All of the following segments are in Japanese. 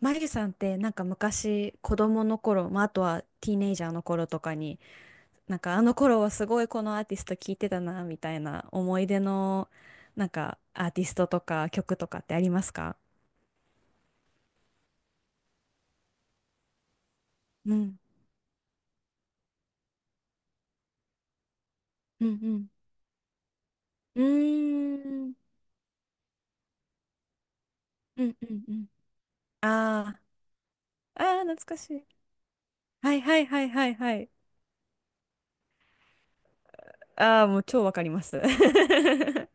マギさんってなんか昔子供の頃、まあ、あとはティーネイジャーの頃とかに、なんかあの頃はすごいこのアーティスト聴いてたなみたいな、思い出のなんかアーティストとか曲とかってありますか？うん、うん、うん。うーん、うん、うん、うん。あーああ懐かしい。はいはいはいはいはい。ああもう超わかります。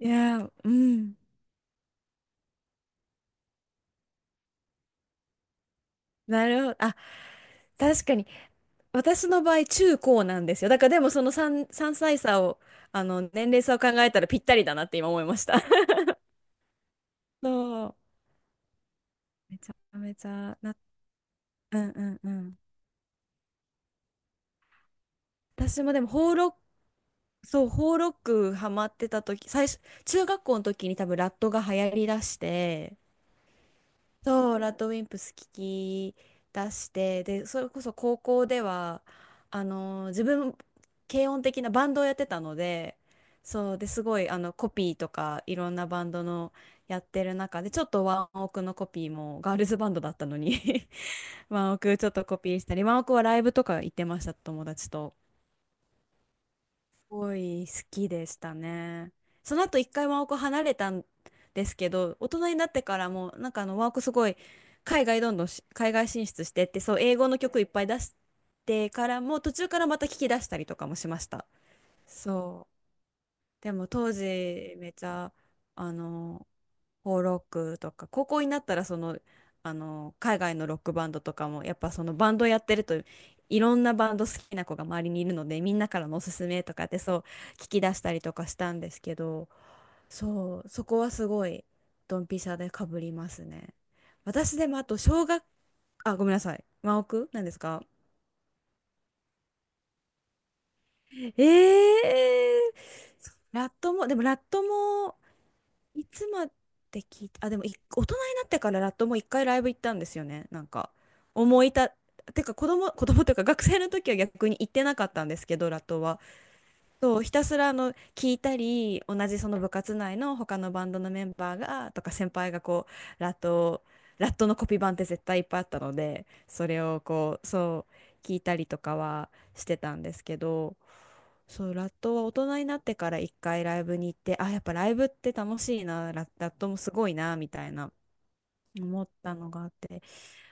いやーうん。なるほど。あ、確かに。私の場合、中高なんですよ。だからでもその3、3歳差を、年齢差を考えたらぴったりだなって今思いました。そう。めちゃめちゃな、うんうんうん。私もでも、ホーロック、そう、ホーロックハマってた時、最初、中学校の時に多分ラットが流行りだして、そう、ラッドウィンプス聞き出して、で、それこそ高校では、自分、軽音的なバンドをやってたので、そう、で、すごい、コピーとか、いろんなバンドのやってる中で、ちょっとワンオクのコピーも、ガールズバンドだったのに、 ワンオクちょっとコピーしたり、ワンオクはライブとか行ってました、友達と。ごい好きでしたね。その後一回ワーク離れたんですけど、大人になってからもなんかワークすごい、海外どんどんし、海外進出してって、そう、英語の曲いっぱい出してからも、途中からまた聞き出したりとかもしました。そう。でも当時めちゃ、あのフォー・ロックとか、高校になったらその、海外のロックバンドとかも、やっぱそのバンドやってるといろんなバンド好きな子が周りにいるので、みんなからのおすすめとかってそう聞き出したりとかしたんですけど、そう、そこはすごいドンピシャでかぶりますね。私でもあと小学、あごめんなさい、真奥なんですか？えー、ラットもでもラットも、いつまで聞いた、あ、でもい大人になってからラットも一回ライブ行ったんですよね。なんか、思いた、てか子供、子供というか学生の時は逆に行ってなかったんですけど、ラットは。そう、ひたすら聞いたり、同じその部活内の他のバンドのメンバーがとか、先輩がうラット、ラットのコピー版って絶対いっぱいあったので、それをこう、そう聞いたりとかはしてたんですけど、そう、ラットは大人になってから一回ライブに行って、あ、やっぱライブって楽しいな、ラットもすごいな、みたいな思ったのがあって、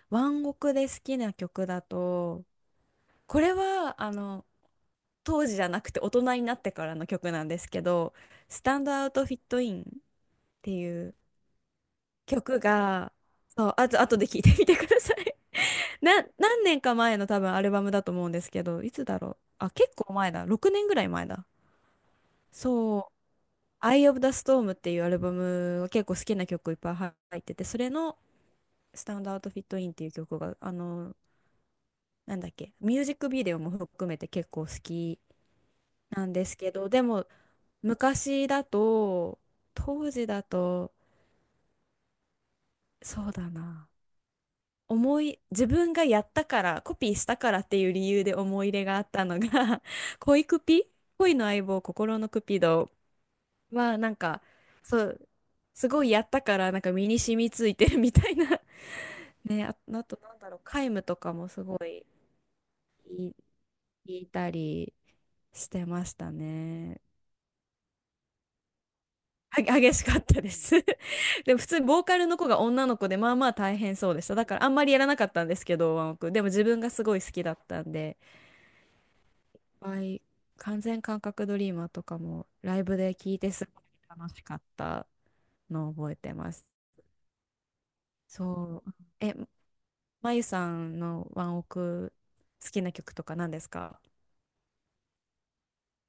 ワンオクで好きな曲だと、これは当時じゃなくて大人になってからの曲なんですけど、「スタンドアウトフィットイン」っていう曲が、そう、あと後で聞いてみてください。 何年か前の多分アルバムだと思うんですけど、いつだろう、あ、結構前だ、6年ぐらい前だ。そう、「Eye of the Storm」っていうアルバムが結構好きな曲いっぱい入ってて、それの「スタンドアウトフィットイン」っていう曲が、なんだっけ、ミュージックビデオも含めて結構好きなんですけど、でも昔だと、当時だと、そうだな。自分がやったから、コピーしたからっていう理由で思い入れがあったのが、 恋クピ恋の相棒、心のクピドは、なんか、そう、すごいやったから、なんか身に染みついてるみたいな。 ね、あ、あとなんだろう、皆無とかもすごい、いい、聞いたりしてましたね。は、激しかったです。 でも普通にボーカルの子が女の子で、まあまあ大変そうでした。だからあんまりやらなかったんですけど、ワンオクでも自分がすごい好きだったんで、はい、完全感覚ドリーマーとかもライブで聴いてすごい楽しかったのを覚えてます。そう、え、まゆさんのワンオク好きな曲とか何ですか？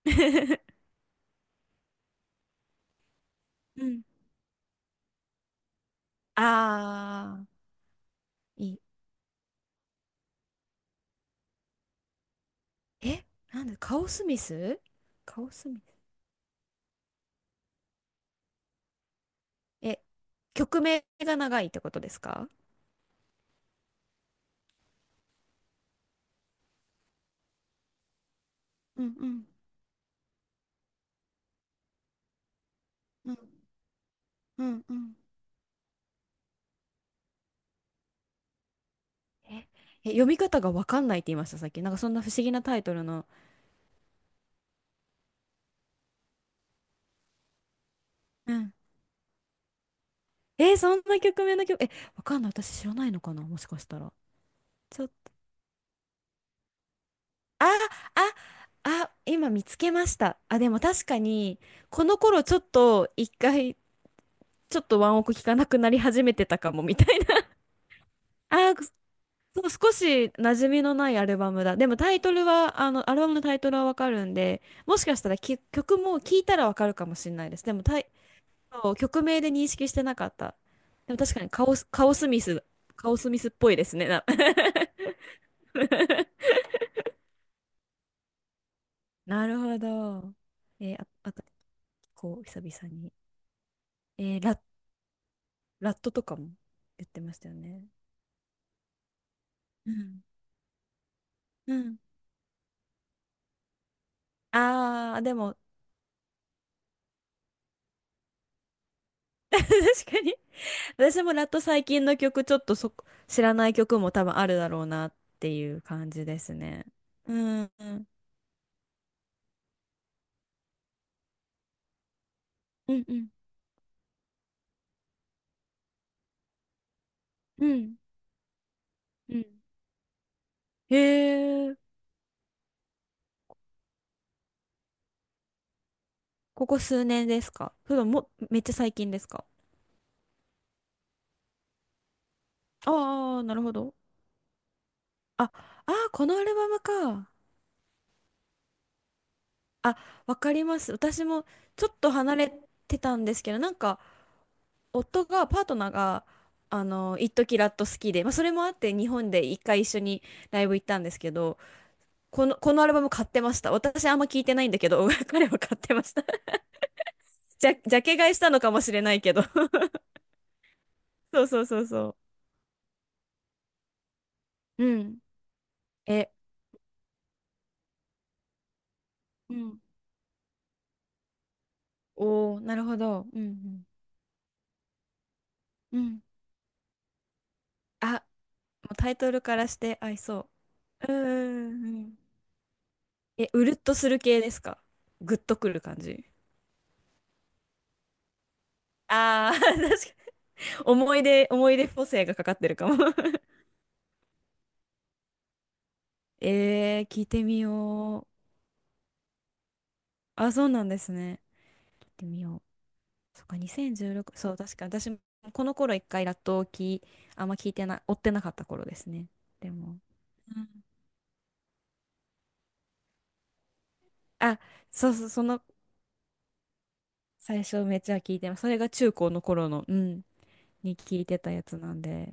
うんあ、 あーいいえ、なんでカオスミス、カオスミ、え、曲名が長いってことですか？うんうんうんうんうん、え、え、読み方がわかんないって言いました、さっき。なんかそんな不思議なタイトルの。うん、え、そんな曲名の曲、わかんない。私知らないのかな、もしかしたら。ちょっと、あ、あ、あ、今見つけました。あ、でも確かに、この頃ちょっと一回、ちょっとワンオク聞かなくなり始めてたかも、みたいな。あー、そう、少し馴染みのないアルバムだ。でもタイトルは、アルバムのタイトルはわかるんで、もしかしたらき曲も聞いたらわかるかもしれないです。でもタイ、そう、曲名で認識してなかった。でも確かにカオスミスっぽいですね。なるほど。あ、あと、こう、久々に。えーラ、ラットとかも言ってましたよね。うん。うん。あー、でも、確かに、私もラット最近の曲ちょっとそこ知らない曲も多分あるだろうなっていう感じですね。うんうんうんうんうんうん、へえ、ここ数年ですか、それとももめっちゃ最近ですか？ああーなるほど、ああーこのアルバムか、あ、わかります、私もちょっと離れてたんですけど、なんかパートナーが、一時ラット好きで、まあ、それもあって日本で一回一緒にライブ行ったんですけど、このアルバム買ってました。私あんま聞いてないんだけど、彼は買ってました。じゃ、ジャケ買いしたのかもしれないけど。そうそうそうそう。うん。え、うん。おー、なるほど。うんうん。うん。あ、もうタイトルからして合いそう。うんうんうん。え、うるっとする系ですか？グッとくる感じ。ああー、確かに。思い出補正がかかってるかも。 聞いてみよう。あ、そうなんですね。聞いてみよう。そっか、2016、そう、確かに私もこの頃一回ラットをあんま聞いてな追ってなかった頃ですね。でも、うん、あ、そうそう、その最初めっちゃ聞いてます。それが中高の頃の、うん、に聞いてたやつなんで。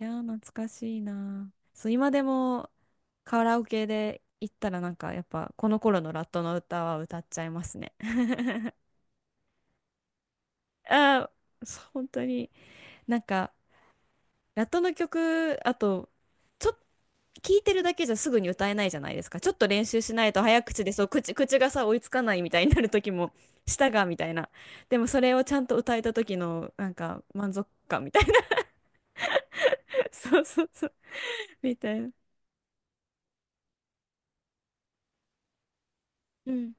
いやー、懐かしいなー。そう、今でもカラオケで行ったらなんかやっぱこの頃のラットの歌は歌っちゃいますね。あー、そう本当に、なんかラットの曲、あと、ちょっ聞いてるだけじゃすぐに歌えないじゃないですか。ちょっと練習しないと早口で、そう、口がさ、追いつかないみたいになる時も、舌がみたいな。でもそれをちゃんと歌えた時の、なんか、満足感みたいな。そうそうそう。みたいな。うん。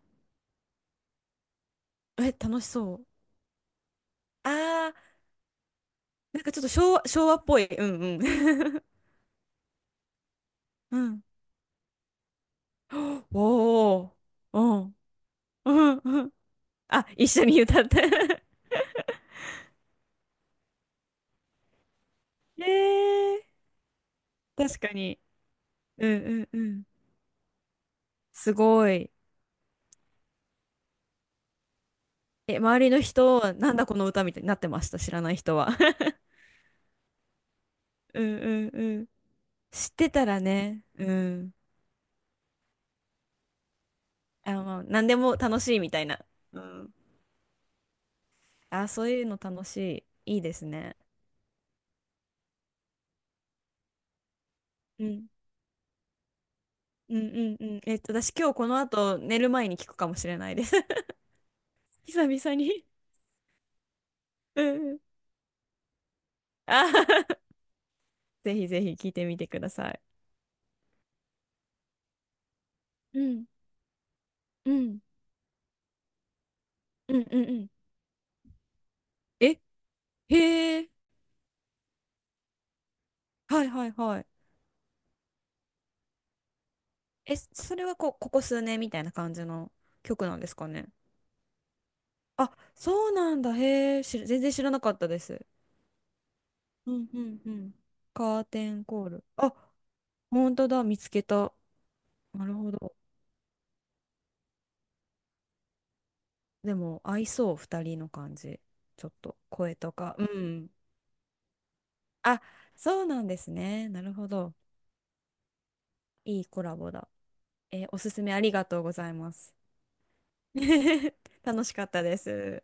え、楽しそう。あー、なんかちょっと昭和っぽい。うんうん。うん。おお、うん、うん、うん。あ、一緒に歌って。 えー、確かに。うんうんうん。すごい。え、周りの人は、なんだこの歌みたいになってました、知らない人は。うんうんうん。知ってたらね、うん。あ、まあ、何でも楽しいみたいな。うん。あ、そういうの楽しい。いいですね。うん。うんうんうん。私今日この後寝る前に聞くかもしれないです。久々に。うんうん。あはは。 ぜひぜひ聞いてみてください。うん。うん。うんうんうん。え、へえ。はいはいはい。え、それはこう、ここ数年みたいな感じの曲なんですかね。あ、そうなんだ。へえ、全然知らなかったです。うんうんうん。カーテンコール。あ、本当だ、見つけた。なるほど。でも、合いそう、二人の感じ。ちょっと、声とか。うん。あ、そうなんですね。なるほど。いいコラボだ。おすすめありがとうございます。楽しかったです。